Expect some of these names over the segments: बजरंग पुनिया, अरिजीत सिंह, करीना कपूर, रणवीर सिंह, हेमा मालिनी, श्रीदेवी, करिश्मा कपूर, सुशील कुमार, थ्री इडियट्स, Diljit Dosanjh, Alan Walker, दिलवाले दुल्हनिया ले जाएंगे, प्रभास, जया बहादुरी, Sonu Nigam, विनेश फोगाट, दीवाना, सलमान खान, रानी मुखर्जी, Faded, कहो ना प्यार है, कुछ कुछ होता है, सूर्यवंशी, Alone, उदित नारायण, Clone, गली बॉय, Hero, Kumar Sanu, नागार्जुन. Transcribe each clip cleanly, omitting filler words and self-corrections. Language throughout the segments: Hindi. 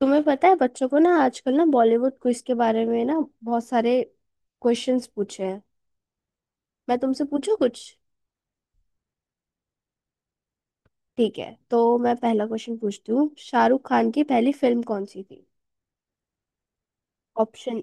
तुम्हें पता है बच्चों को ना आजकल ना बॉलीवुड क्विज के बारे में ना बहुत सारे क्वेश्चंस पूछे हैं। मैं तुमसे पूछूं कुछ? ठीक है, तो मैं पहला क्वेश्चन पूछती हूँ। शाहरुख खान की पहली फिल्म कौन सी थी? ऑप्शन,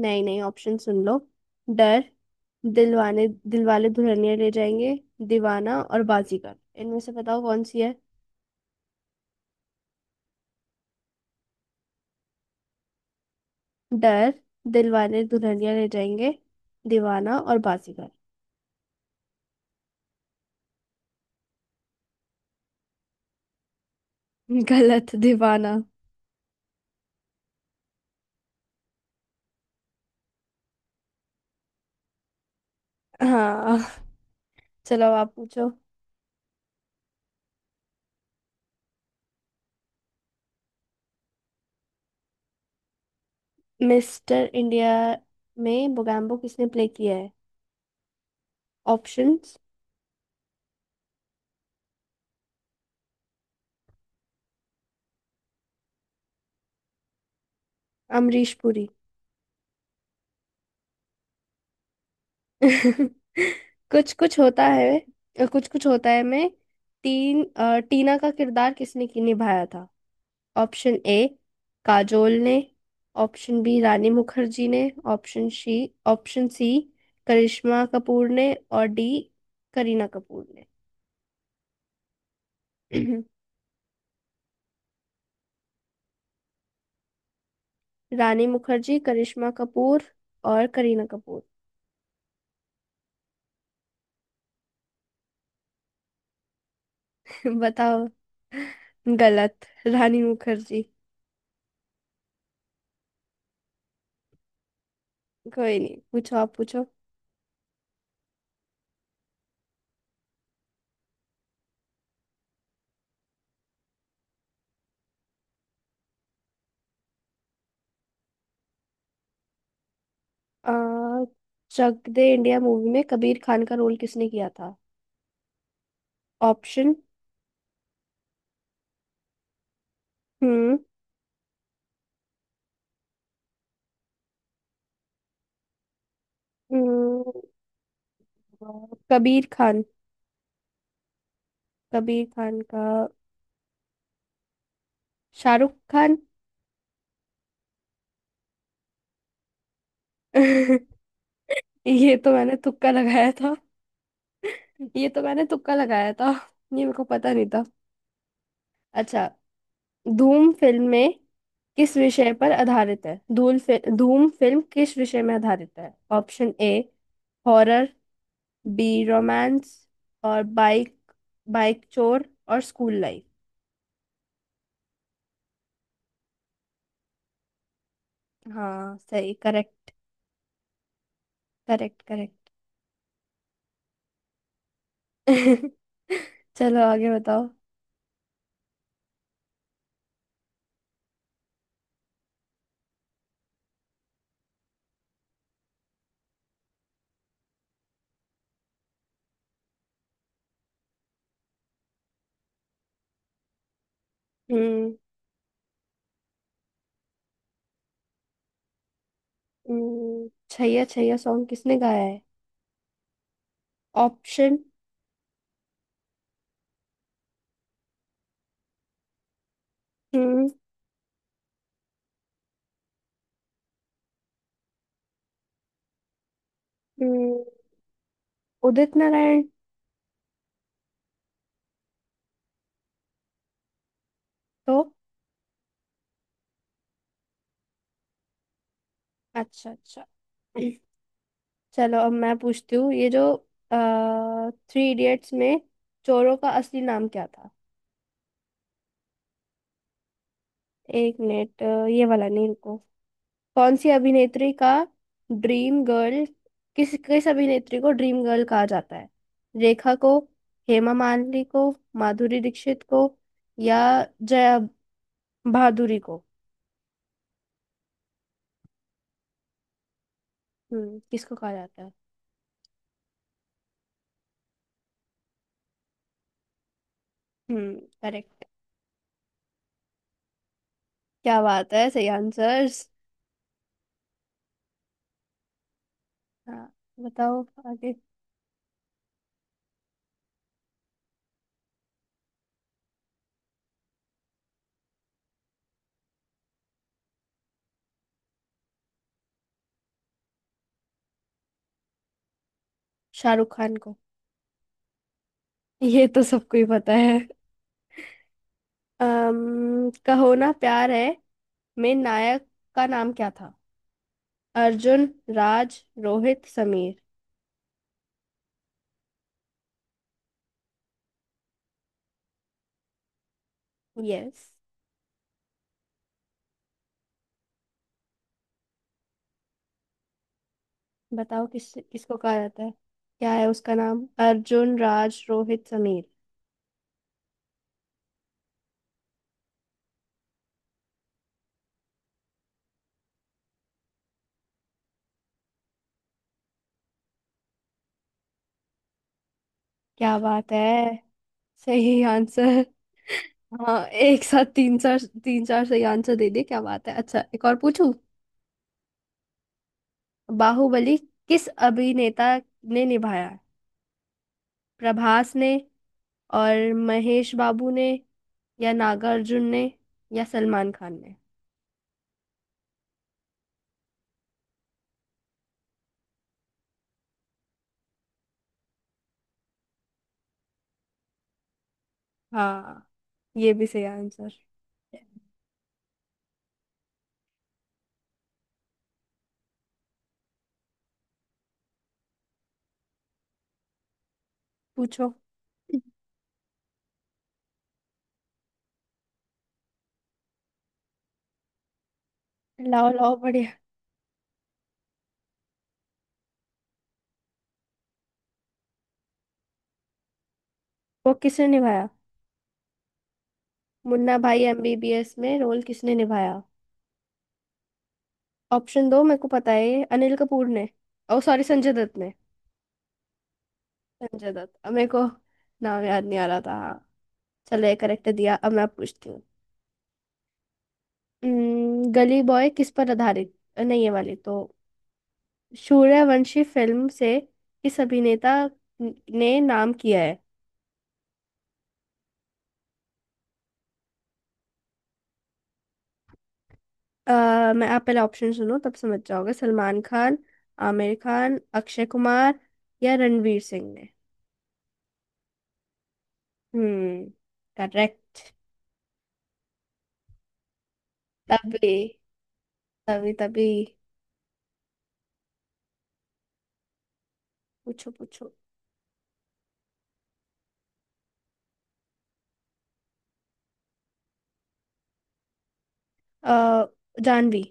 नहीं नहीं ऑप्शन सुन लो। डर, दिलवाने दिलवाले दुल्हनिया ले जाएंगे, दीवाना और बाजीगर। इनमें से बताओ कौन सी है? डर, दिलवाने दुल्हनिया ले जाएंगे, दीवाना और बाजीगर। गलत। दीवाना। हाँ। चलो अब आप पूछो। मिस्टर इंडिया में बोगैम्बो किसने प्ले किया है? ऑप्शंस। अमरीश पुरी। कुछ कुछ होता है। कुछ कुछ होता है में तीन टीना का किरदार किसने की निभाया था? ऑप्शन ए काजोल ने, ऑप्शन बी रानी मुखर्जी ने, option C option C करिश्मा कपूर ने, और डी करीना कपूर ने। रानी मुखर्जी, करिश्मा कपूर और करीना कपूर। बताओ। गलत। रानी मुखर्जी। कोई नहीं, पूछो आप पूछो। आ, चक दे इंडिया मूवी में कबीर खान का रोल किसने किया था? ऑप्शन। हम्म। हम्म, कबीर खान, कबीर खान का शाहरुख खान। ये तो मैंने तुक्का लगाया था। ये तो मैंने तुक्का लगाया था, ये मेरे को पता नहीं था। अच्छा। धूम फिल्म में किस विषय पर आधारित है? धूम फिल्म किस विषय में आधारित है? Option A horror, B romance, और बाइक, बाइक चोर और स्कूल लाइफ। हाँ सही। Correct correct correct. चलो आगे बताओ। हम्म। छैया छैया सॉन्ग किसने गाया है? ऑप्शन। हम्म। हम्म, उदित नारायण। तो अच्छा अच्छा। चलो अब मैं पूछती हूँ ये जो थ्री इडियट्स में चोरों का असली नाम क्या था? एक मिनट ये वाला नहीं, रुको। कौन सी अभिनेत्री का ड्रीम गर्ल, किस किस अभिनेत्री को ड्रीम गर्ल कहा जाता है? रेखा को, हेमा मालिनी को, माधुरी दीक्षित को, या जया बहादुरी को? किसको कहा जाता है? करेक्ट। क्या बात है, सही आंसर्स। हाँ बताओ आगे। शाहरुख खान को। ये तो सबको ही पता है। कहो ना प्यार है में नायक का नाम क्या था? अर्जुन, राज, रोहित, समीर? यस बताओ किस किसको कहा जाता है? क्या है उसका नाम? अर्जुन, राज, रोहित, समीर? क्या बात है, सही आंसर। हाँ एक साथ तीन चार, तीन चार सही आंसर दे दिए। क्या बात है। अच्छा एक और पूछूं। बाहुबली किस अभिनेता ने निभाया? प्रभास ने, और महेश बाबू ने, या नागार्जुन ने, या सलमान खान ने? हाँ, ये भी सही आंसर। पूछो, लाओ लाओ बढ़िया। वो किसने निभाया? मुन्ना भाई एमबीबीएस में रोल किसने निभाया? ऑप्शन दो, मेरे को पता है ये। अनिल कपूर ने, ओ सॉरी, संजय दत्त ने। संजय दत्त, अब मेरे को नाम याद नहीं आ रहा था। हाँ चलो, ये करेक्ट दिया। अब मैं पूछती हूँ। गली बॉय किस पर आधारित, नहीं ये वाली तो, सूर्यवंशी फिल्म से किस अभिनेता ने नाम किया है? अ, मैं आप पहले ऑप्शन सुनो तब समझ जाओगे। सलमान खान, आमिर खान, अक्षय कुमार, या रणवीर सिंह ने? हम्म करेक्ट। तभी तभी तभी। पूछो पूछो। आ, जानवी।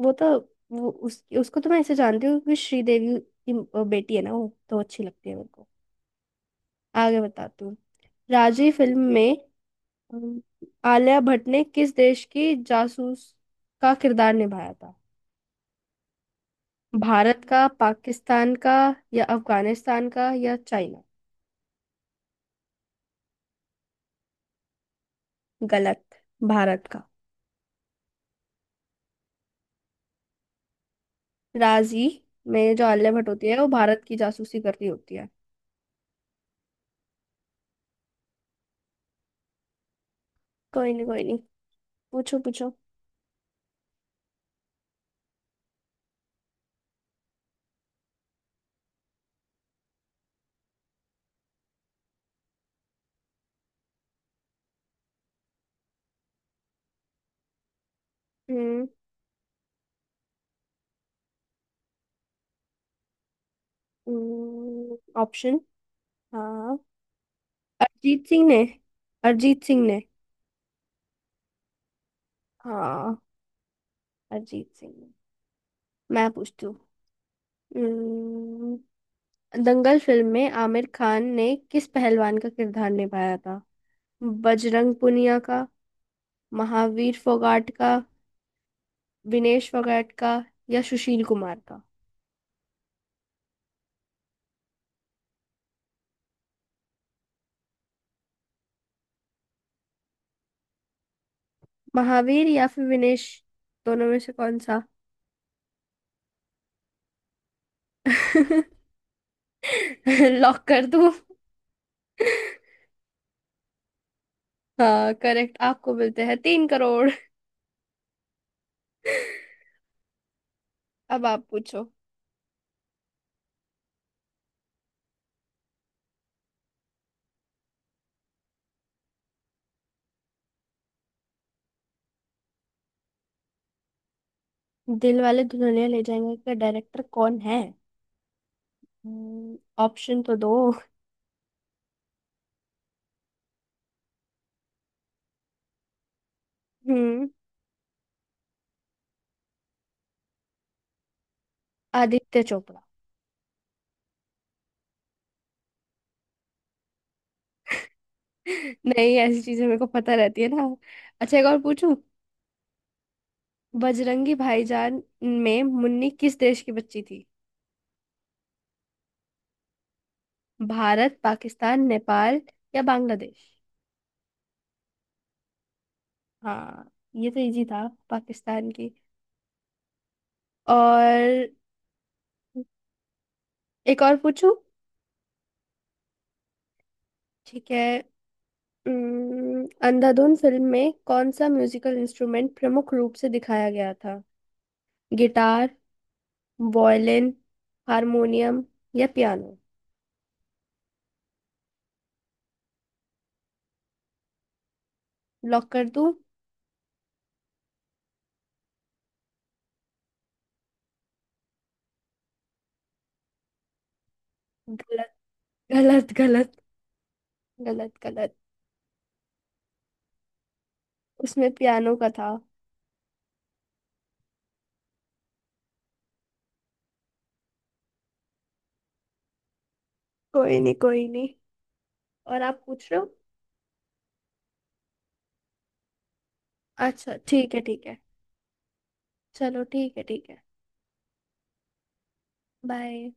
वो तो, वो उस उसको तो मैं ऐसे जानती हूँ कि श्रीदेवी की बेटी है ना, वो तो अच्छी लगती है मेरे को। आगे बताती हूँ। राजी फिल्म में अम, आलिया भट्ट ने किस देश की जासूस का किरदार निभाया था? भारत का, पाकिस्तान का, या अफगानिस्तान का, या चाइना? गलत, भारत का। राजी में जो आलिया भट्ट होती है वो भारत की जासूसी कर रही होती है। कोई नहीं कोई नहीं, पूछो पूछो। हम्म। ऑप्शन। हाँ। अरिजीत सिंह ने अरिजीत सिंह ने। हाँ अरिजीत सिंह ने। मैं पूछती हूँ। हम्म, दंगल फिल्म में आमिर खान ने किस पहलवान का किरदार निभाया था? बजरंग पुनिया का, महावीर फोगाट का, विनेश फोगाट का, या सुशील कुमार का? महावीर या फिर विनेश, दोनों में से कौन सा? लॉक कर दूँ? हाँ करेक्ट, आपको मिलते हैं तीन करोड़। अब आप पूछो। दिल वाले दुल्हनिया ले जाएंगे का डायरेक्टर कौन है? ऑप्शन तो दो। हम्म। आदित्य चोपड़ा। नहीं, ऐसी चीजें मेरे को पता रहती है ना। अच्छा एक और पूछूं। बजरंगी भाईजान में मुन्नी किस देश की बच्ची थी? भारत, पाकिस्तान, नेपाल या बांग्लादेश? हाँ ये तो इजी था, पाकिस्तान की। और एक और पूछूं? ठीक है। अंधाधुन फिल्म में कौन सा म्यूजिकल इंस्ट्रूमेंट प्रमुख रूप से दिखाया गया था? गिटार, वॉयलिन, हारमोनियम या पियानो? लॉक कर दूं? गलत गलत गलत गलत गलत उसमें पियानो का था। कोई नहीं कोई नहीं। और आप पूछ रहे हो? अच्छा ठीक है ठीक है। चलो ठीक है ठीक है। बाय।